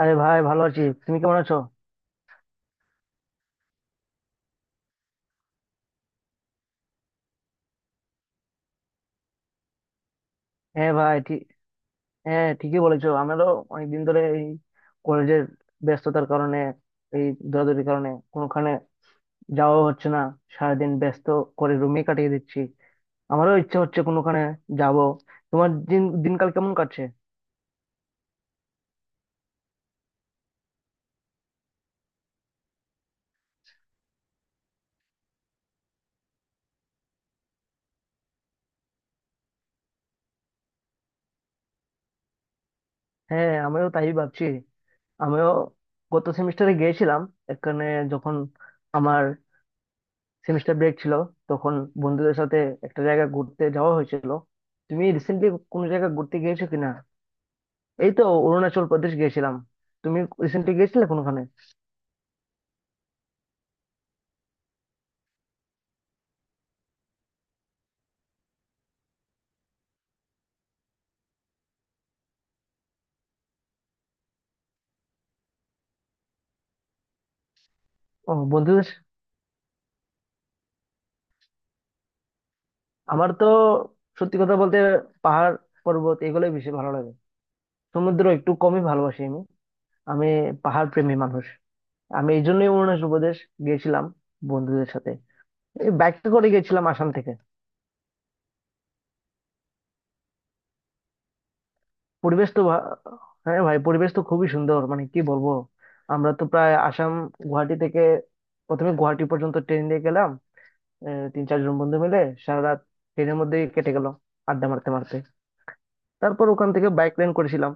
আরে ভাই, ভালো আছি। তুমি কেমন আছো? হ্যাঁ ভাই, ঠিক। হ্যাঁ, ঠিকই বলেছো। আমারও অনেকদিন ধরে কলেজের ব্যস্ততার কারণে, এই দৌড়াদৌড়ির কারণে কোনোখানে যাওয়া হচ্ছে না। সারাদিন ব্যস্ত করে রুমে কাটিয়ে দিচ্ছি। আমারও ইচ্ছা হচ্ছে কোনোখানে যাব। তোমার দিনকাল কেমন কাটছে? হ্যাঁ, আমিও তাই ভাবছি। আমিও গত সেমিস্টারে গিয়েছিলাম এখানে, যখন আমার সেমিস্টার ব্রেক ছিল তখন বন্ধুদের সাথে একটা জায়গা ঘুরতে যাওয়া হয়েছিল। তুমি রিসেন্টলি কোনো জায়গা ঘুরতে গিয়েছো কিনা? এই তো, অরুণাচল প্রদেশ গিয়েছিলাম। তুমি রিসেন্টলি গিয়েছিলে কোনোখানে? ও, বন্ধুদের। আমার তো সত্যি কথা বলতে পাহাড় পর্বত এগুলোই বেশি ভালো লাগে। সমুদ্র একটু কমই ভালোবাসি আমি। আমি পাহাড় প্রেমী মানুষ। আমি এই জন্যই অরুণাচল প্রদেশ গিয়েছিলাম বন্ধুদের সাথে। বাইকে করে গেছিলাম আসাম থেকে। পরিবেশ তো ভা- হ্যাঁ ভাই, পরিবেশ তো খুবই সুন্দর, মানে কি বলবো। আমরা তো প্রায় আসাম, গুয়াহাটি থেকে, প্রথমে গুয়াহাটি পর্যন্ত ট্রেন দিয়ে গেলাম। তিন চারজন বন্ধু মিলে সারা রাত ট্রেনের মধ্যেই কেটে গেল আড্ডা মারতে মারতে। তারপর ওখান থেকে বাইক রেন্ট করেছিলাম।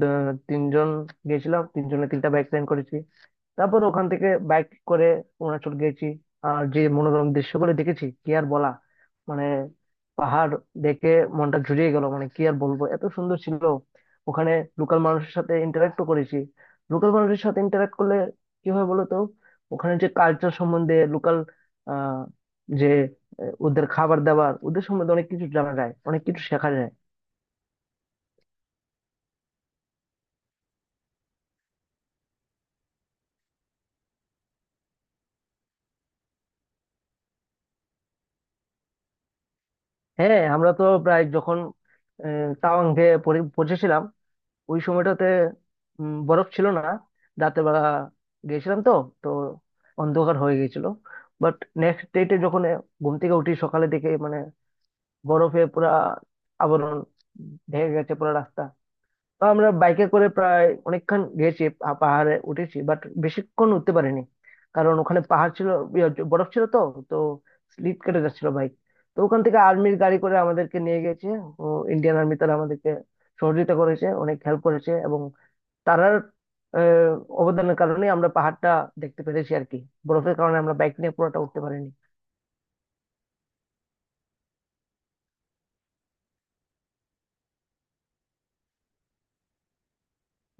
তিনজন গেছিলাম, তিনজনে তিনটা বাইক রেন্ট করেছি। তারপর ওখান থেকে বাইক করে অরুণাচল গেছি। আর যে মনোরম দৃশ্যগুলো দেখেছি কি আর বলা, মানে পাহাড় দেখে মনটা জুড়িয়ে গেল, মানে কি আর বলবো, এত সুন্দর ছিল। ওখানে লোকাল মানুষের সাথে ইন্টারাক্টও করেছি। লোকাল মানুষের সাথে ইন্টারাক্ট করলে কি হয় বলো তো, ওখানে যে কালচার, সম্বন্ধে লোকাল আহ যে ওদের খাবার দাবার, ওদের সম্বন্ধে অনেক কিছু জানা যায়, অনেক কিছু শেখা যায়। হ্যাঁ, আমরা তো প্রায় যখন তাওয়াং গিয়ে পৌঁছেছিলাম ওই সময়টাতে বরফ ছিল না। রাতের বেলা গেছিলাম তো, তো অন্ধকার হয়ে গেছিল। বাট নেক্সট ডেতে যখন ঘুম থেকে উঠি সকালে, দেখে মানে বরফে পুরা আবরণ ঢেকে গেছে পুরো রাস্তা। তো আমরা বাইকে করে প্রায় অনেকক্ষণ গেছি, পাহাড়ে উঠেছি, বাট বেশিক্ষণ উঠতে পারিনি। কারণ ওখানে পাহাড় ছিল, বরফ ছিল তো, তো স্লিপ কেটে যাচ্ছিল বাইক। তো ওখান থেকে আর্মির গাড়ি করে আমাদেরকে নিয়ে গেছে। ইন্ডিয়ান আর্মি, তারা আমাদেরকে সহযোগিতা করেছে, অনেক হেল্প করেছে। তারার আহ, অবদানের কারণে আমরা পাহাড়টা দেখতে পেরেছি আর কি। বরফের কারণে আমরা বাইক নিয়ে পুরোটা উঠতে পারিনি।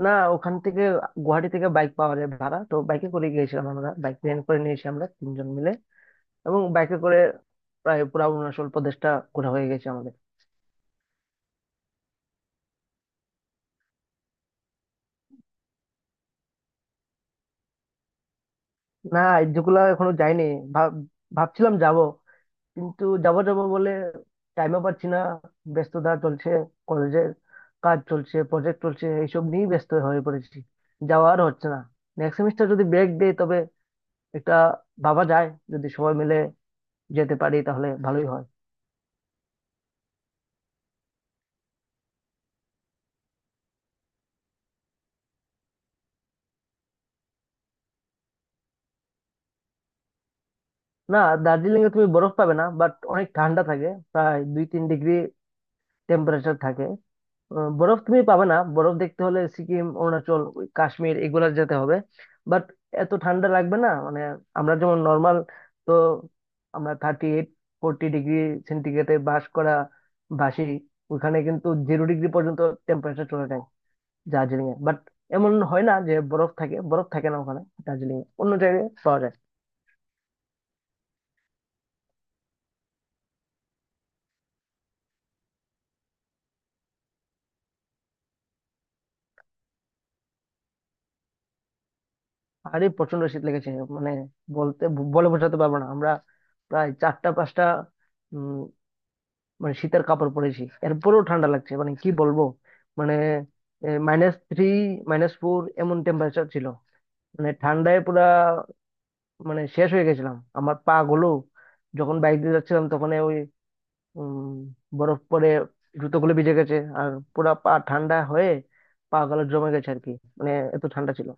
না, ওখান থেকে, গুয়াহাটি থেকে বাইক পাওয়া যায় ভাড়া, তো বাইকে করে গিয়েছিলাম আমরা। বাইক রেন্ট করে নিয়েছি আমরা তিনজন মিলে, এবং বাইকে করে প্রায় পুরো অরুণাচল প্রদেশটা ঘোরা হয়ে গেছে আমাদের। না, যেগুলা এখনো যাইনি। ভাব- ভাবছিলাম যাব, কিন্তু যাবো যাবো বলে টাইমও পাচ্ছি না। ব্যস্ততা চলছে, কলেজের কাজ চলছে, প্রজেক্ট চলছে, এইসব নিয়েই ব্যস্ত হয়ে পড়েছি। যাওয়া আর হচ্ছে না। নেক্সট সেমিস্টার যদি ব্রেক দেয় তবে একটা ভাবা যায়। যদি সবাই মিলে যেতে পারি তাহলে ভালোই হয়। না, দার্জিলিং এ তুমি বরফ পাবে না, বাট অনেক ঠান্ডা থাকে, প্রায় 2-3 ডিগ্রি টেম্পারেচার থাকে। বরফ তুমি পাবে না, বরফ দেখতে হলে সিকিম, অরুণাচল, ওই কাশ্মীর এগুলা যেতে হবে। বাট এত ঠান্ডা লাগবে না, মানে আমরা যেমন নর্মাল, তো আমরা 38 40 ডিগ্রি সেন্টিগ্রেডে বাস করা বাসি, ওখানে কিন্তু 0 ডিগ্রি পর্যন্ত টেম্পারেচার চলে যায় দার্জিলিং এ। বাট এমন হয় না যে বরফ থাকে, বরফ থাকে না ওখানে দার্জিলিং এ, অন্য জায়গায় পাওয়া যায়। আরে প্রচন্ড শীত লেগেছে, মানে বলতে বলে বোঝাতে পারবো না। আমরা প্রায় চারটা পাঁচটা, মানে শীতের কাপড় পরেছি, এরপরেও ঠান্ডা লাগছে, মানে কি বলবো। মানে -3, -4 এমন টেম্পারেচার ছিল। মানে ঠান্ডায় পুরা, মানে শেষ হয়ে গেছিলাম, আমার পা গুলো, যখন বাইক দিয়ে যাচ্ছিলাম তখন ওই উম, বরফ পরে জুতোগুলো ভিজে গেছে, আর পুরা পা ঠান্ডা হয়ে, পা গুলো জমে গেছে আর কি। মানে এত ঠান্ডা ছিল।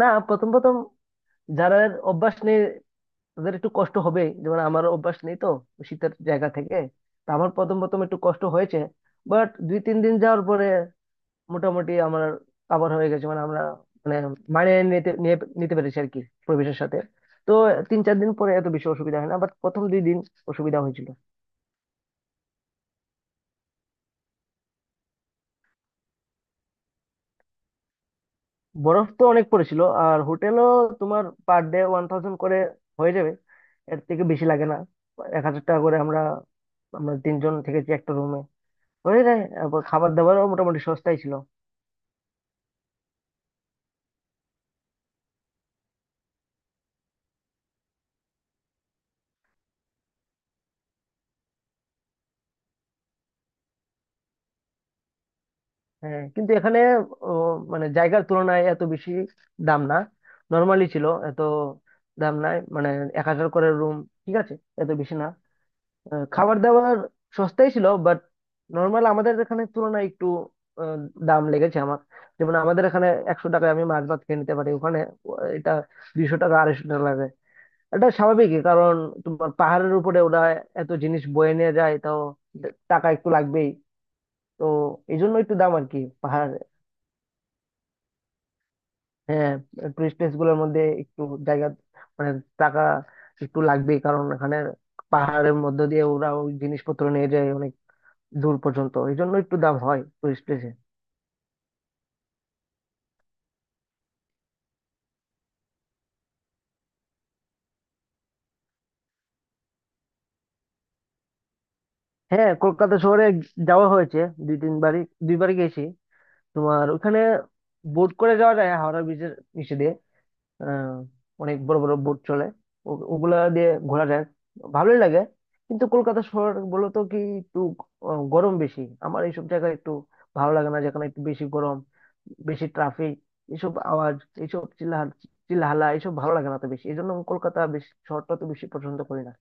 না, প্রথম প্রথম যারা অভ্যাস নেই তাদের একটু কষ্ট হবে, যেমন আমার অভ্যাস নেই তো শীতের জায়গা থেকে, তো আমার প্রথম প্রথম একটু কষ্ট হয়েছে। বাট 2-3 দিন যাওয়ার পরে মোটামুটি আমার কাভার হয়ে গেছে, মানে আমরা মানে মানিয়ে নিতে পেরেছি আর কি পরিবেশের সাথে। তো 3-4 দিন পরে এত বেশি অসুবিধা হয় না, বাট প্রথম 2 দিন অসুবিধা হয়েছিল। বরফ তো অনেক পড়েছিল। আর হোটেলও, তোমার পার ডে 1,000 করে হয়ে যাবে, এর থেকে বেশি লাগে না। 1,000 টাকা করে আমরা, আমরা তিনজন থেকেছি একটা রুমে, হয়ে যায়। তারপর খাবার দাবারও মোটামুটি সস্তাই ছিল। হ্যাঁ, কিন্তু এখানে ও, মানে জায়গার তুলনায় এত বেশি দাম না। নর্মালি ছিল, এত দাম নাই, মানে 1,000 করে রুম, ঠিক আছে, এত বেশি না। খাবার দাবার সস্তাই ছিল, বাট নর্মাল আমাদের এখানে তুলনায় একটু আহ, দাম লেগেছে আমার। যেমন আমাদের এখানে 100 টাকায় আমি মাছ ভাত খেয়ে নিতে পারি, ওখানে এটা 200 টাকা 250 টাকা লাগে। এটা স্বাভাবিকই, কারণ তোমার পাহাড়ের উপরে ওরা এত জিনিস বয়ে নিয়ে যায়, তাও টাকা একটু লাগবেই তো। এই জন্য একটু দাম আর কি। পাহাড়। হ্যাঁ, টুরিস্ট প্লেস গুলোর মধ্যে একটু জায়গা, মানে টাকা একটু লাগবেই, কারণ এখানে পাহাড়ের মধ্য দিয়ে ওরা ওই জিনিসপত্র নিয়ে যায় অনেক দূর পর্যন্ত, এই জন্য একটু দাম হয় টুরিস্ট প্লেসে। হ্যাঁ, কলকাতা শহরে যাওয়া হয়েছে 2-3 বারই, দুইবার গেছি। তোমার ওখানে বোট করে যাওয়া যায় হাওড়া ব্রিজের নিচে দিয়ে। আহ, অনেক বড় বড় বোট চলে, ওগুলা দিয়ে ঘোরা যায়, ভালোই লাগে। কিন্তু কলকাতা শহর বলো তো, কি একটু গরম বেশি, আমার এইসব জায়গায় একটু ভালো লাগে না যেখানে একটু বেশি গরম, বেশি ট্রাফিক, এসব আওয়াজ, এইসব চিল্লাহাল্লা, এইসব ভালো লাগে না তো বেশি। এই জন্য আমি কলকাতা বেশি, শহরটা তো বেশি পছন্দ করি না।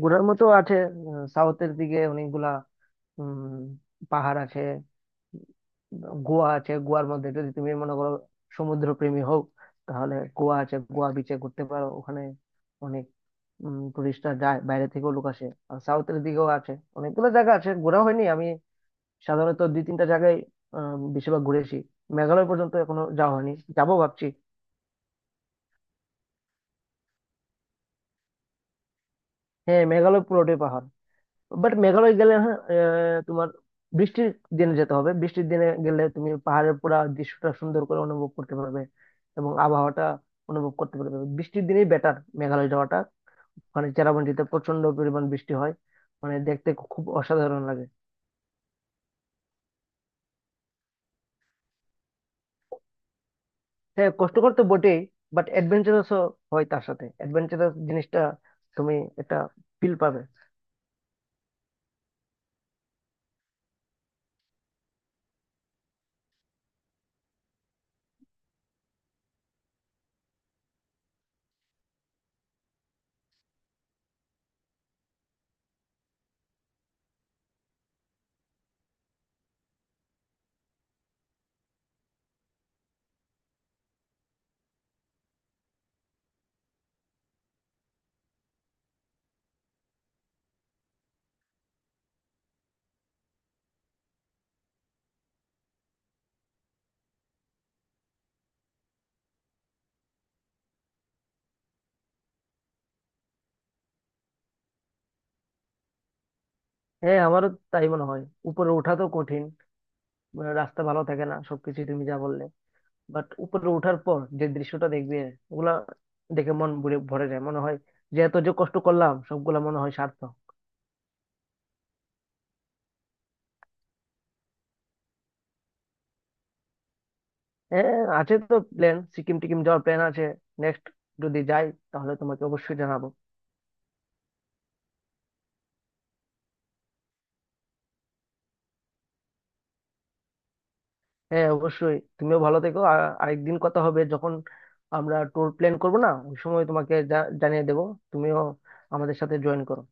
ঘোরার মতো আছে, সাউথের দিকে অনেকগুলা উম পাহাড় আছে। গোয়া আছে, গোয়ার মধ্যে যদি তুমি মনে করো সমুদ্র প্রেমী হও, তাহলে গোয়া আছে, গোয়া বিচে ঘুরতে পারো। ওখানে অনেক টুরিস্টরা যায়, বাইরে থেকেও লোক আসে। আর সাউথের দিকেও আছে অনেকগুলো জায়গা, আছে ঘোরা হয়নি আমি। সাধারণত দুই তিনটা জায়গায় বেশিরভাগ ঘুরেছি। মেঘালয় পর্যন্ত এখনো যাওয়া হয়নি, যাবো ভাবছি। হ্যাঁ, মেঘালয় পুরোটাই পাহাড়। বাট মেঘালয় গেলে হ্যাঁ তোমার বৃষ্টির দিনে যেতে হবে। বৃষ্টির দিনে গেলে তুমি পাহাড়ের পুরা দৃশ্যটা সুন্দর করে অনুভব করতে পারবে, এবং আবহাওয়াটা অনুভব করতে পারবে। বৃষ্টির দিনেই বেটার মেঘালয় যাওয়াটা। মানে চেরাপুঞ্জিতে প্রচন্ড পরিমাণ বৃষ্টি হয়, মানে দেখতে খুব অসাধারণ লাগে। হ্যাঁ, কষ্টকর তো বটেই, বাট অ্যাডভেঞ্চারাসও হয়, তার সাথে অ্যাডভেঞ্চারাস জিনিসটা তুমি একটা ফিল পাবে। হ্যাঁ, আমারও তাই মনে হয়। উপরে ওঠা তো কঠিন, মানে রাস্তা ভালো থাকে না, সবকিছু তুমি যা বললে। বাট উপরে ওঠার পর যে দৃশ্যটা দেখবে, ওগুলা দেখে মন ভরে ভরে যায়, মনে হয় যে এত যে কষ্ট করলাম সবগুলা মনে হয় সার্থক। হ্যাঁ আছে তো প্ল্যান, সিকিম টিকিম যাওয়ার প্ল্যান আছে নেক্সট। যদি যাই তাহলে তোমাকে অবশ্যই জানাবো। হ্যাঁ অবশ্যই, তুমিও ভালো থেকো। আর আরেকদিন কথা হবে যখন আমরা ট্যুর প্ল্যান করবো, না ওই সময় তোমাকে জানিয়ে দেবো। তুমিও আমাদের সাথে জয়েন করো।